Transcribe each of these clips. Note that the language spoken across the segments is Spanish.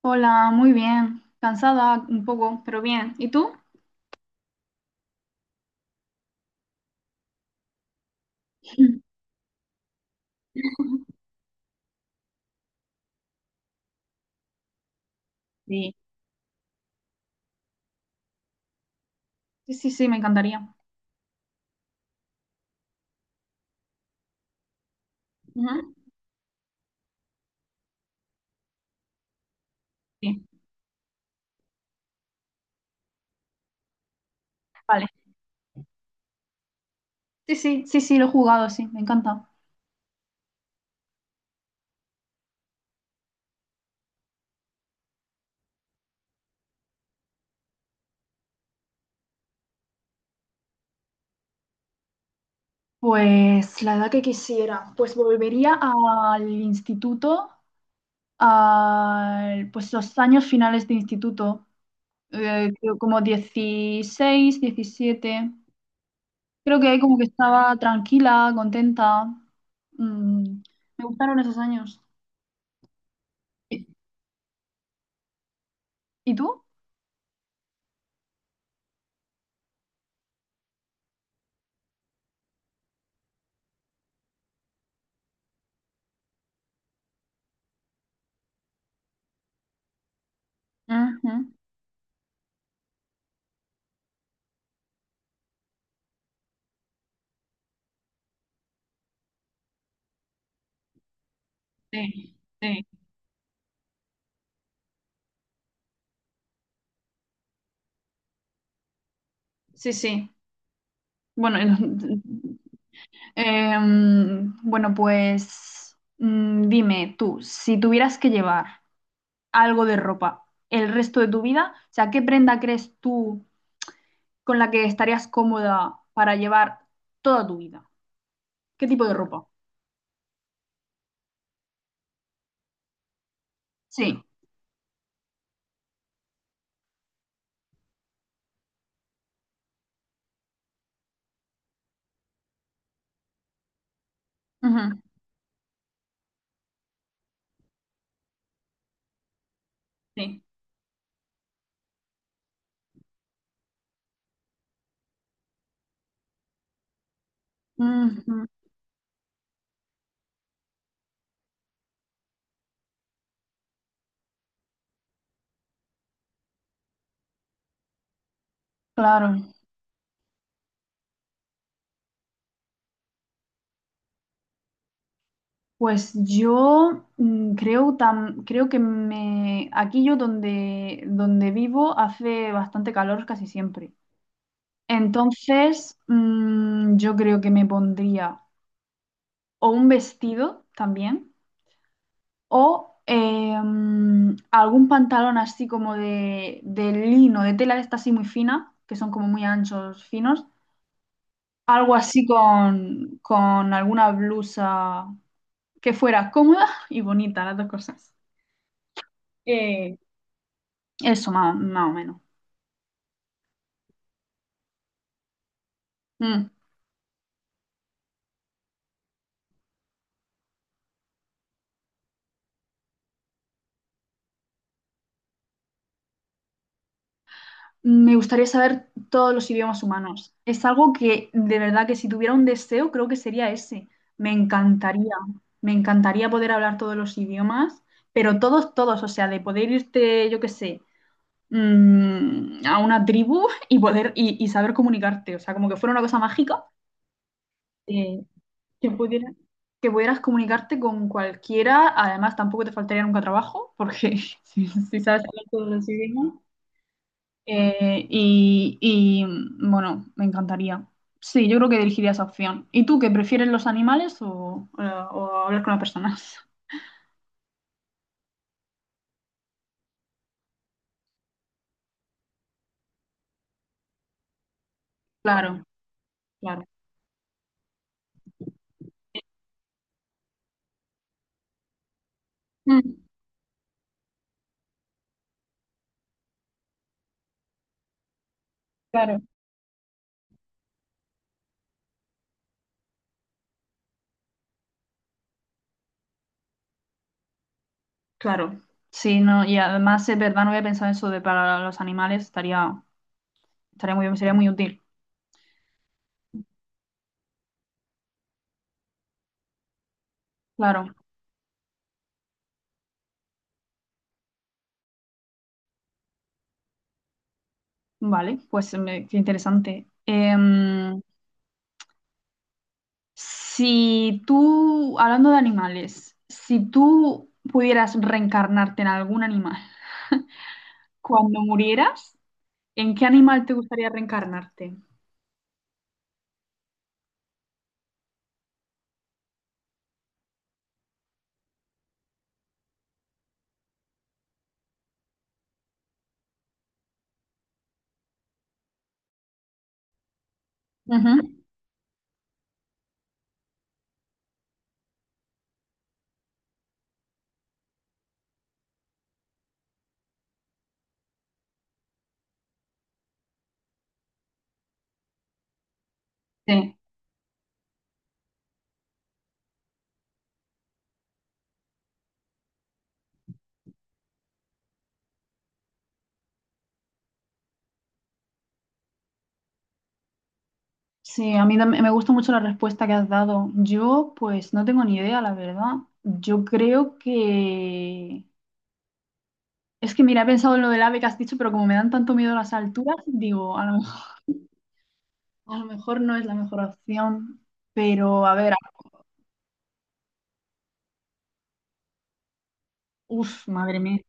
Hola, muy bien. Cansada un poco, pero bien. ¿Y tú? sí, sí, sí, sí, me encantaría. Ujú, sí. Vale. Sí, sí, sí, sí, lo he jugado, sí, me encanta. Pues la edad que quisiera, pues volvería al instituto, al, pues los años finales de instituto, creo como 16, 17. Creo que ahí como que estaba tranquila, contenta. Mm, me gustaron esos años. ¿Y, y tú? Ujú. Sí, sí, sí, sí. Bueno, en- bueno, pues dime tú, si tuvieras que llevar algo de ropa el resto de tu vida, o sea, ¿qué prenda crees tú con la que estarías cómoda para llevar toda tu vida? ¿Qué tipo de ropa? Sí. Ujú, sí. Ujú, claro. Pues yo creo, tam- creo que me, aquí yo donde, donde vivo hace bastante calor casi siempre. Entonces, yo creo que me pondría o un vestido también o algún pantalón así como de lino, de tela de esta así muy fina, que son como muy anchos, finos. Algo así con alguna blusa que fuera cómoda y bonita, las dos cosas. Eh, Eso, más, o más o menos. Mm. Me gustaría saber todos los idiomas humanos. Es algo que de verdad que si tuviera un deseo, creo que sería ese. Me encantaría, me encantaría poder hablar todos los idiomas, pero todos, todos, o sea, de poder irte, yo qué sé, a una tribu y poder y saber comunicarte, o sea, como que fuera una cosa mágica, eh, que pudiera, que pudieras comunicarte con cualquiera. Además, tampoco te faltaría nunca trabajo, porque si, si sabes hablar todos los idiomas. Bueno, me encantaría. Sí, yo creo que elegiría esa opción. ¿Y tú, qué prefieres los animales o hablar con las personas? Claro, claro. Mm, claro, claro. Sí, no, y además es verdad, no había pensado eso de para los animales, estaría, estaría muy bien, sería muy útil. Claro, vale, pues me- qué interesante. Si tú, hablando de animales, si tú pudieras reencarnarte en algún animal, cuando murieras, ¿en qué animal te gustaría reencarnarte? Ujú. Sí, sí, a mí tam- me gusta mucho la respuesta que has dado. Yo, pues, no tengo ni idea, la verdad. Yo creo que... Es que, mira, he pensado en lo del ave que has dicho, pero como me dan tanto miedo las alturas, digo, a lo mejor no es la mejor opción. Pero, a ver, uff, madre mía.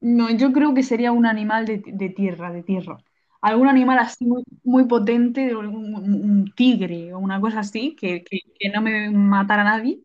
No, yo creo que sería un animal de tierra, de tierra. Algún animal así muy, muy potente, de algún- un tigre o una cosa así, que no me matara a nadie.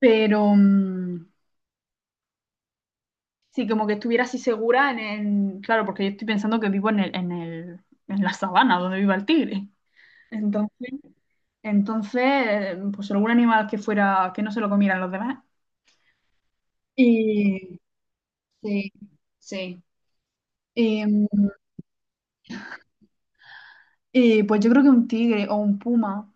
Pero sí, como que estuviera así segura en- Claro, porque yo estoy pensando que vivo en el, en el- en la sabana donde viva el tigre. Entonces, entonces, pues algún animal que fuera, que no se lo comieran los demás. Y sí, sí. Y, mm, pues yo creo que un tigre o un puma,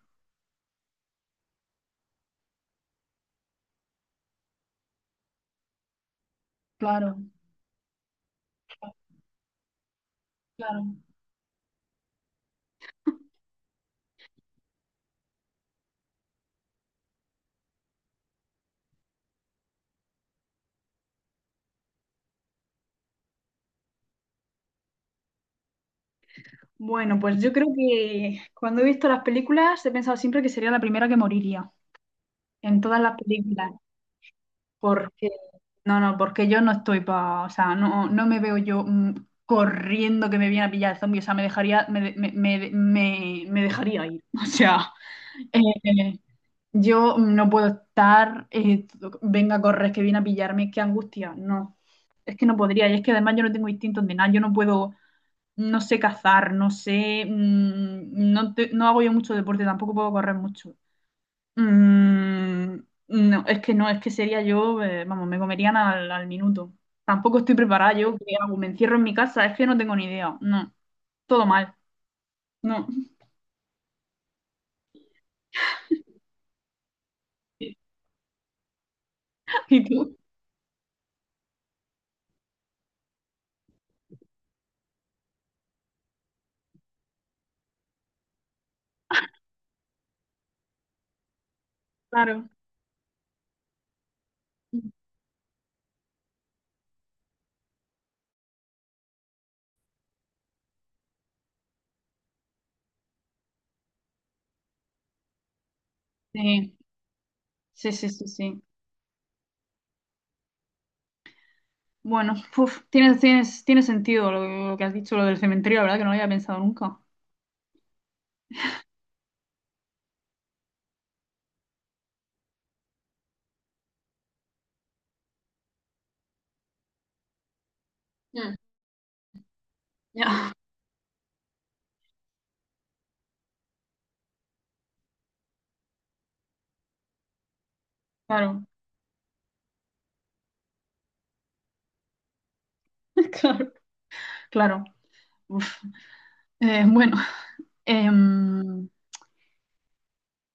claro. Claro. Bueno, pues yo creo que cuando he visto las películas he pensado siempre que sería la primera que moriría en todas las películas, porque no, no, porque yo no estoy para, o sea, no, no me veo yo corriendo que me viene a pillar el zombie, o sea, me dejaría, me, de- me- me dejaría ir, o sea, eh, yo no puedo estar, venga, corres que viene a pillarme, qué angustia, no, es que no podría, y es que además yo no tengo instintos de nada, yo no puedo no sé cazar, no sé, no, te- no hago yo mucho deporte, tampoco puedo correr mucho. Mm, no, es que no, es que sería yo, vamos, me comerían al, al minuto. Tampoco estoy preparada yo, ¿qué hago? ¿Me encierro en mi casa? Es que no tengo ni idea, no, todo mal, no. ¿Y tú? Claro. Sí, sí, sí, sí, sí. Bueno, uf, tienes, tienes, tiene sentido lo que has dicho, lo del cementerio, la verdad que no lo había pensado nunca. Mm, ya. Claro, claro. Claro. Uf. Bueno, em,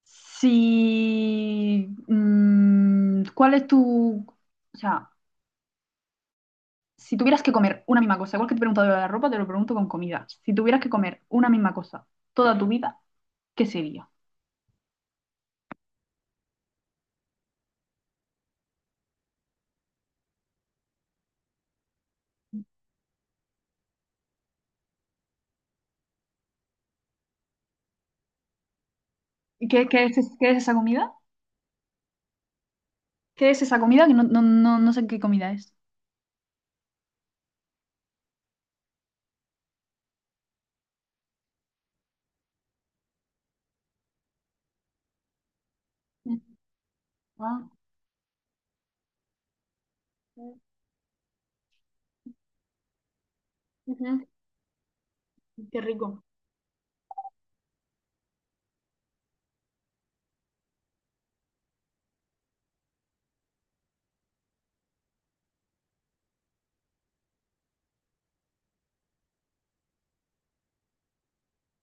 si, ¿cuál es tu, o sea, si tuvieras que comer una misma cosa, igual que te he preguntado lo de la ropa, te lo pregunto con comida. Si tuvieras que comer una misma cosa toda tu vida, ¿qué sería? ¿Y qué, qué es esa comida? ¿Qué es esa comida? Que no, no, no, no sé qué comida es. Mm, ah, ujú, qué rico.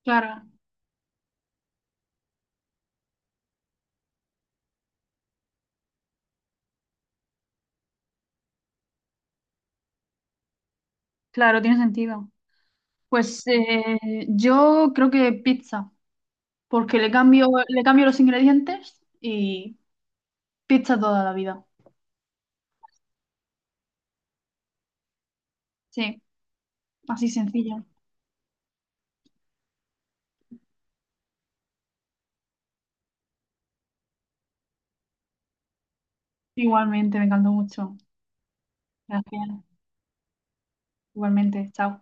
Claro, claro, tiene sentido. Pues yo creo que pizza. Porque le cambio los ingredientes y pizza toda la vida. Sí, así sencillo. Igualmente, me encantó mucho. Gracias. Igualmente, chao.